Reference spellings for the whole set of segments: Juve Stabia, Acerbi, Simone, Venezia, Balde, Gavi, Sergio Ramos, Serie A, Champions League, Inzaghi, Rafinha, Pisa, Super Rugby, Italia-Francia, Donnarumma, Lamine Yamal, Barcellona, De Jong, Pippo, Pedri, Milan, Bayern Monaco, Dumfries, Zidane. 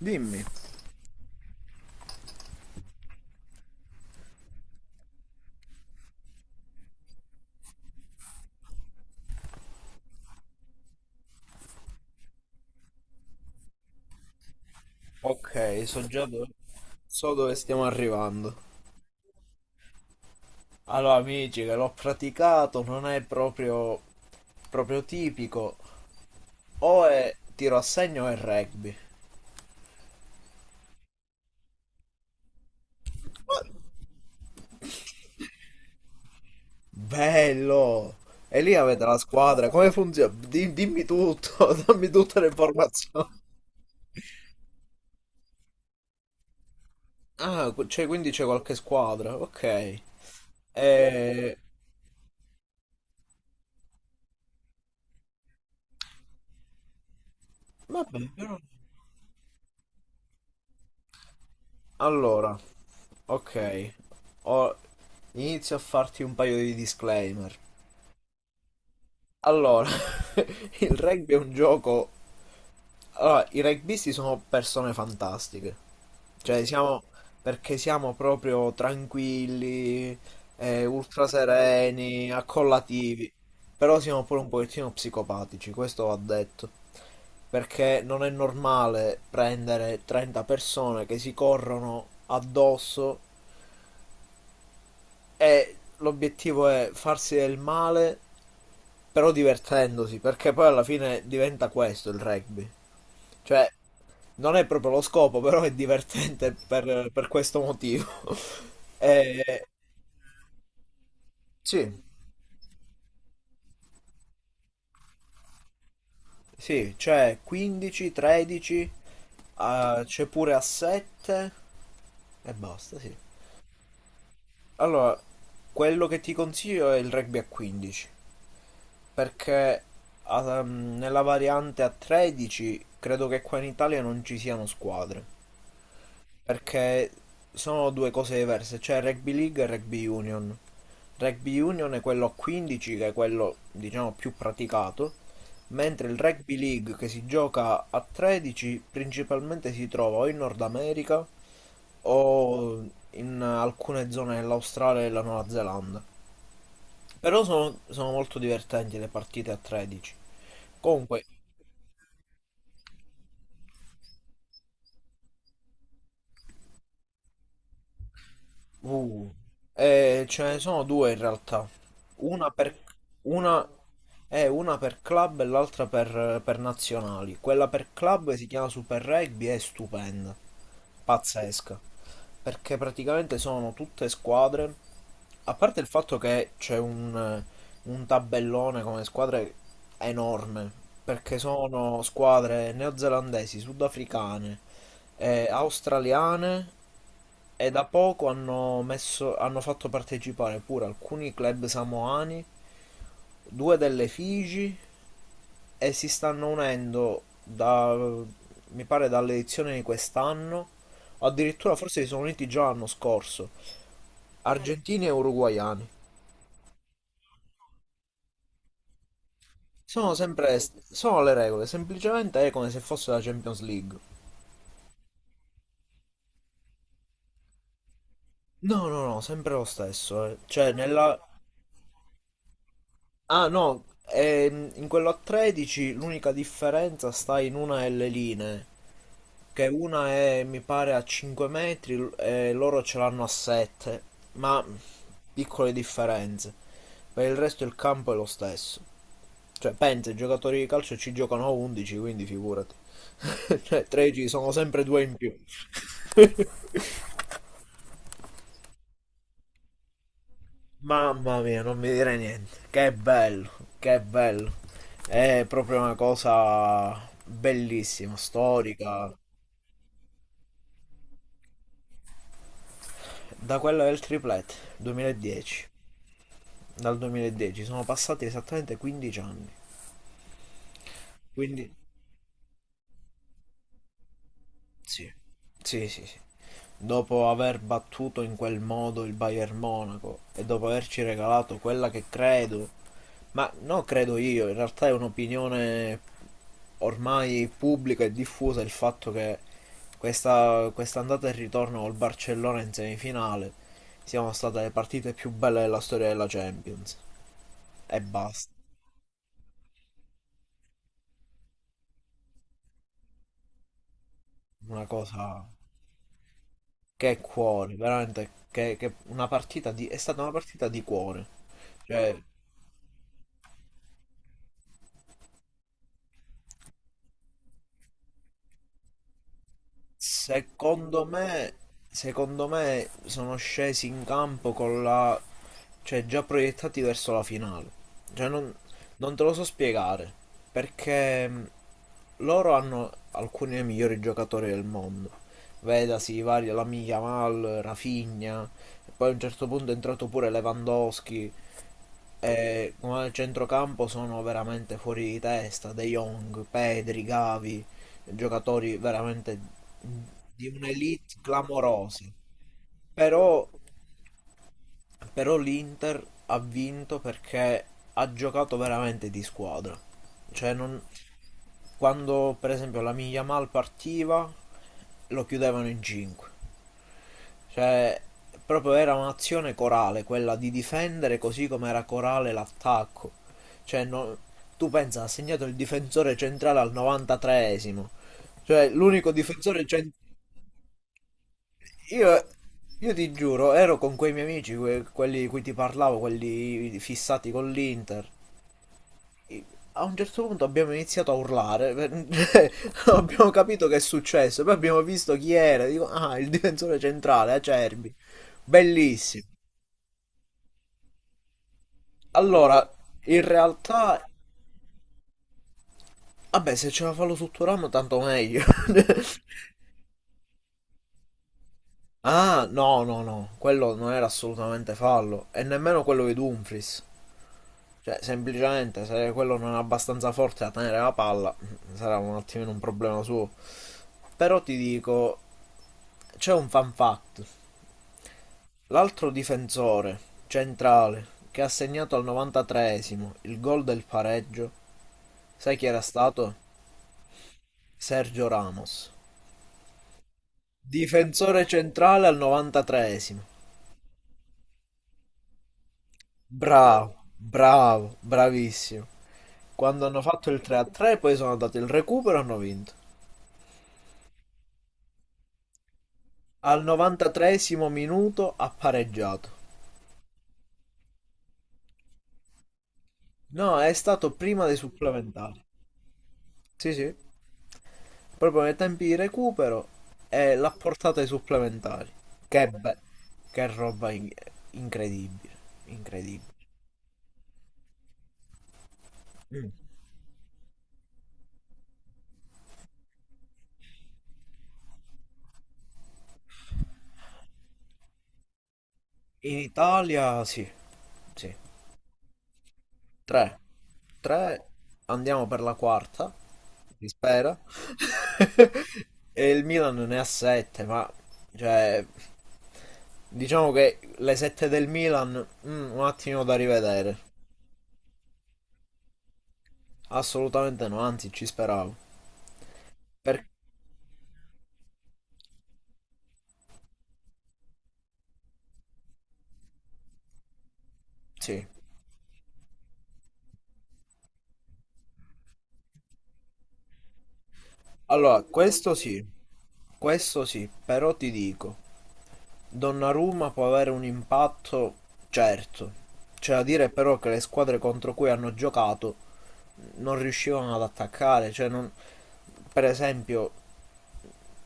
Dimmi. Ok, so dove stiamo arrivando. Allora, amici, che l'ho praticato, non è proprio tipico. O è tiro a segno o è rugby. Bello! E lì avete la squadra, come funziona? Dimmi tutto, dammi tutte le informazioni. Ah, cioè, quindi c'è qualche squadra, ok. E. Vabbè, però. Allora, ok, Ho- inizio a farti un paio di disclaimer. Allora, il rugby è un gioco. Allora, i rugbyisti sono persone fantastiche. Cioè, siamo. Perché siamo proprio tranquilli, ultra sereni, accollativi. Però siamo pure un pochettino psicopatici, questo va detto. Perché non è normale prendere 30 persone che si corrono addosso. E l'obiettivo è farsi del male, però divertendosi, perché poi alla fine diventa questo il rugby. Cioè, non è proprio lo scopo, però è divertente per questo motivo. E, sì, sì, c'è 15, 13, c'è pure a 7 e basta, sì. Allora, quello che ti consiglio è il rugby a 15. Perché nella variante a 13 credo che qua in Italia non ci siano squadre. Perché sono due cose diverse, c'è Rugby League e Rugby Union. Rugby Union è quello a 15 che è quello diciamo più praticato, mentre il Rugby League che si gioca a 13 principalmente si trova o in Nord America o in alcune zone dell'Australia e della Nuova Zelanda. Però sono molto divertenti le partite a 13. Comunque, Uh, ce ne sono due in realtà. Una per, una, una per club e l'altra per nazionali. Quella per club si chiama Super Rugby, è stupenda, pazzesca. Perché praticamente sono tutte squadre, a parte il fatto che c'è un tabellone come squadre enorme, perché sono squadre neozelandesi, sudafricane, australiane e da poco hanno fatto partecipare pure alcuni club samoani, due delle Figi e si stanno unendo mi pare dall'edizione di quest'anno, o addirittura forse si sono uniti già l'anno scorso, argentini e uruguaiani. Sono le regole, semplicemente è come se fosse la Champions League. No, no, no, sempre lo stesso, eh. Ah no, in quello a 13 l'unica differenza sta in una delle linee, che una è mi pare a 5 metri e loro ce l'hanno a 7, ma piccole differenze. Per il resto il campo è lo stesso. Cioè, pensa, i giocatori di calcio ci giocano a 11, quindi figurati. Cioè, 13 sono sempre due in più. Mamma mia, non mi dire niente. Che bello, che bello. È proprio una cosa bellissima, storica. Da quello del triplet 2010, dal 2010 sono passati esattamente 15 anni. Quindi sì. Sì, sì, sì. Dopo aver battuto in quel modo il Bayern Monaco e dopo averci regalato quella che credo, ma non credo io, in realtà è un'opinione ormai pubblica e diffusa il fatto che questa andata e ritorno col Barcellona in semifinale siano state le partite più belle della storia della Champions. E basta. Una cosa che è cuore, veramente che è stata una partita di cuore. Cioè, Secondo me, secondo me sono scesi in campo con la. Cioè già proiettati verso la finale. Cioè non te lo so spiegare, perché loro hanno alcuni dei migliori giocatori del mondo. Vedasi i vari Lamine Yamal, Rafinha, e poi a un certo punto è entrato pure Lewandowski. E come al centrocampo sono veramente fuori di testa, De Jong, Pedri, Gavi, giocatori veramente di un'elite clamorosa. Però, però, l'Inter ha vinto perché ha giocato veramente di squadra. Cioè non. Quando per esempio la Yamal partiva lo chiudevano in 5. Cioè proprio era un'azione corale quella di difendere, così come era corale l'attacco. Cioè non. Tu pensa, ha segnato il difensore centrale al 93esimo. Cioè l'unico difensore centrale. Io, io ti giuro, ero con quei miei amici, quelli di cui ti parlavo, quelli fissati con l'Inter. I- A un certo punto abbiamo iniziato a urlare, perché non abbiamo capito che è successo, poi abbiamo visto chi era, dico, ah, il difensore centrale, Acerbi. Bellissimo. Allora, in realtà, vabbè, se ce la fa lo Sotturamo tanto meglio. Ah, no, no, no, quello non era assolutamente fallo, e nemmeno quello di Dumfries. Cioè, semplicemente se quello non è abbastanza forte da tenere la palla, sarà un attimino un problema suo. Però ti dico, c'è un fan fact. L'altro difensore centrale che ha segnato al 93esimo il gol del pareggio, sai chi era stato? Sergio Ramos. Difensore centrale al 93esimo. Bravo, bravo, bravissimo. Quando hanno fatto il 3-3 poi sono andato il recupero e hanno vinto. Al 93esimo minuto ha pareggiato. No, è stato prima dei supplementari. Sì, sì. Proprio nei tempi di recupero e l'ha portato ai supplementari. Che, be- che roba incredibile. Incredibile. Mm. In Italia, sì. Sì. Tre. Tre. Andiamo per la quarta. Si spera. E il Milan ne ha sette, ma. Cioè. Diciamo che le 7 del Milan, un attimo da rivedere. Assolutamente no, anzi ci speravo. Per. Sì. Allora, questo sì, però ti dico, Donnarumma può avere un impatto, certo. C'è da dire però che le squadre contro cui hanno giocato non riuscivano ad attaccare, cioè non. Per esempio,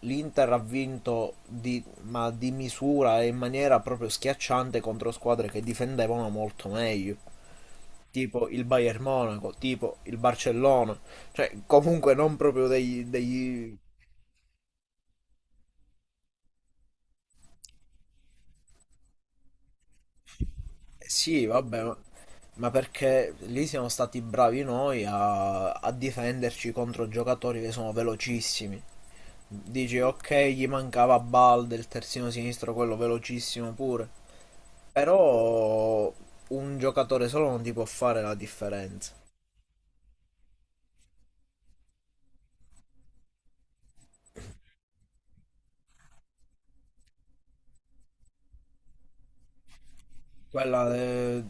l'Inter ha vinto ma di misura e in maniera proprio schiacciante contro squadre che difendevano molto meglio, tipo il Bayern Monaco, tipo il Barcellona, cioè comunque non proprio degli. Sì, vabbè, ma perché lì siamo stati bravi noi a difenderci contro giocatori che sono velocissimi. Dici, ok, gli mancava Balde, il terzino sinistro, quello velocissimo pure. Però un giocatore solo non ti può fare la differenza. Quella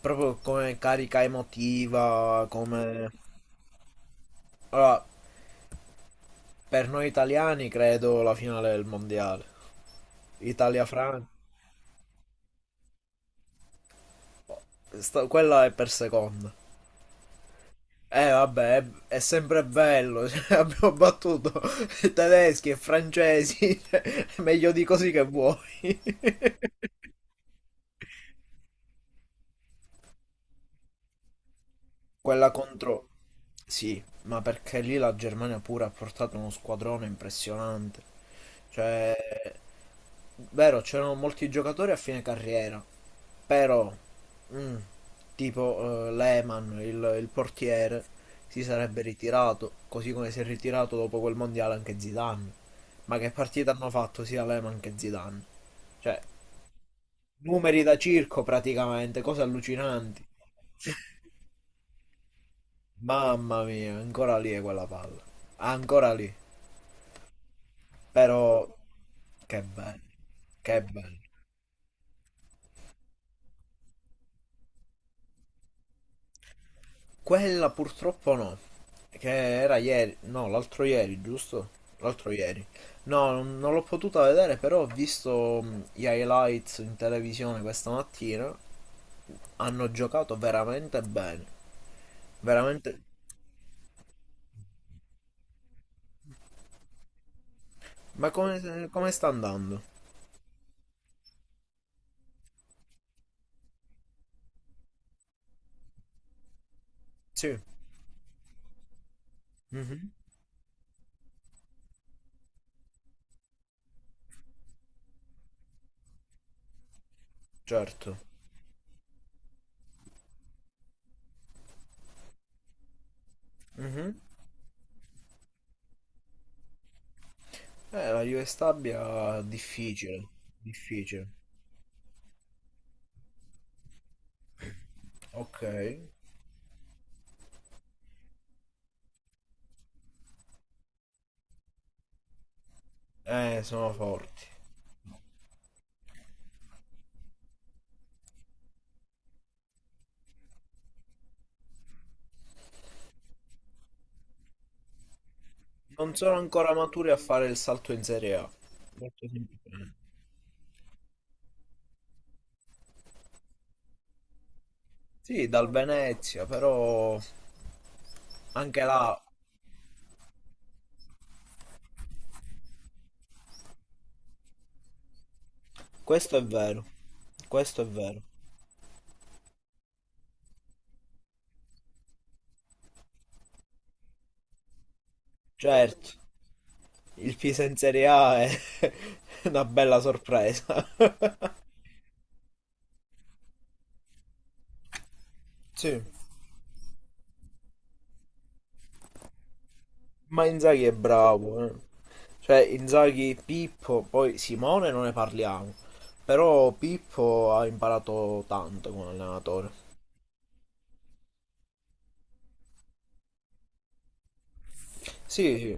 proprio come carica emotiva, come. Allora, per noi italiani credo la finale del mondiale. Italia-Francia. Quella è per seconda. Eh vabbè, è sempre bello, cioè, abbiamo battuto tedeschi e francesi, cioè, meglio di così che vuoi. Quella contro. Sì, ma perché lì la Germania pure ha portato uno squadrone impressionante. Cioè, vero, c'erano molti giocatori a fine carriera, però, mm, tipo Lehmann, il portiere, si sarebbe ritirato, così come si è ritirato dopo quel mondiale anche Zidane. Ma che partita hanno fatto sia Lehmann che Zidane? Cioè, numeri da circo praticamente, cose allucinanti. Mamma mia, ancora lì è quella palla. Ancora lì. Però che bello, che bello. Quella purtroppo no, che era ieri, no, l'altro ieri, giusto? L'altro ieri. No, non l'ho potuta vedere, però ho visto gli highlights in televisione questa mattina. Hanno giocato veramente bene. Veramente. Ma come sta andando? Sì. Mhm, certo. Mhm. La Juve Stabia difficile, difficile. Ok. Sono forti. Non sono ancora maturi a fare il salto in Serie A. Molto semplice. Sì, dal Venezia, però anche là, questo è vero. Questo è vero. Certo, il Pisa in Serie A è una bella sorpresa. Sì. Ma Inzaghi è bravo, eh. Cioè Inzaghi, Pippo, poi Simone non ne parliamo, però Pippo ha imparato tanto come allenatore. Sì, sì,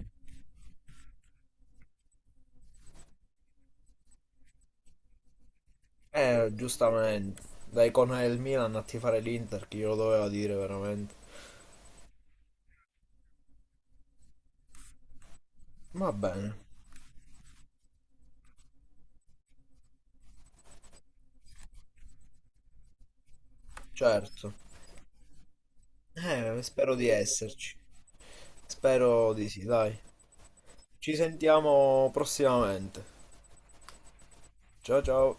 giustamente, da icona del Milan a tifare l'Inter, chi glielo doveva dire veramente. Va bene, certo. Spero di esserci. Spero di sì, dai. Ci sentiamo prossimamente. Ciao ciao.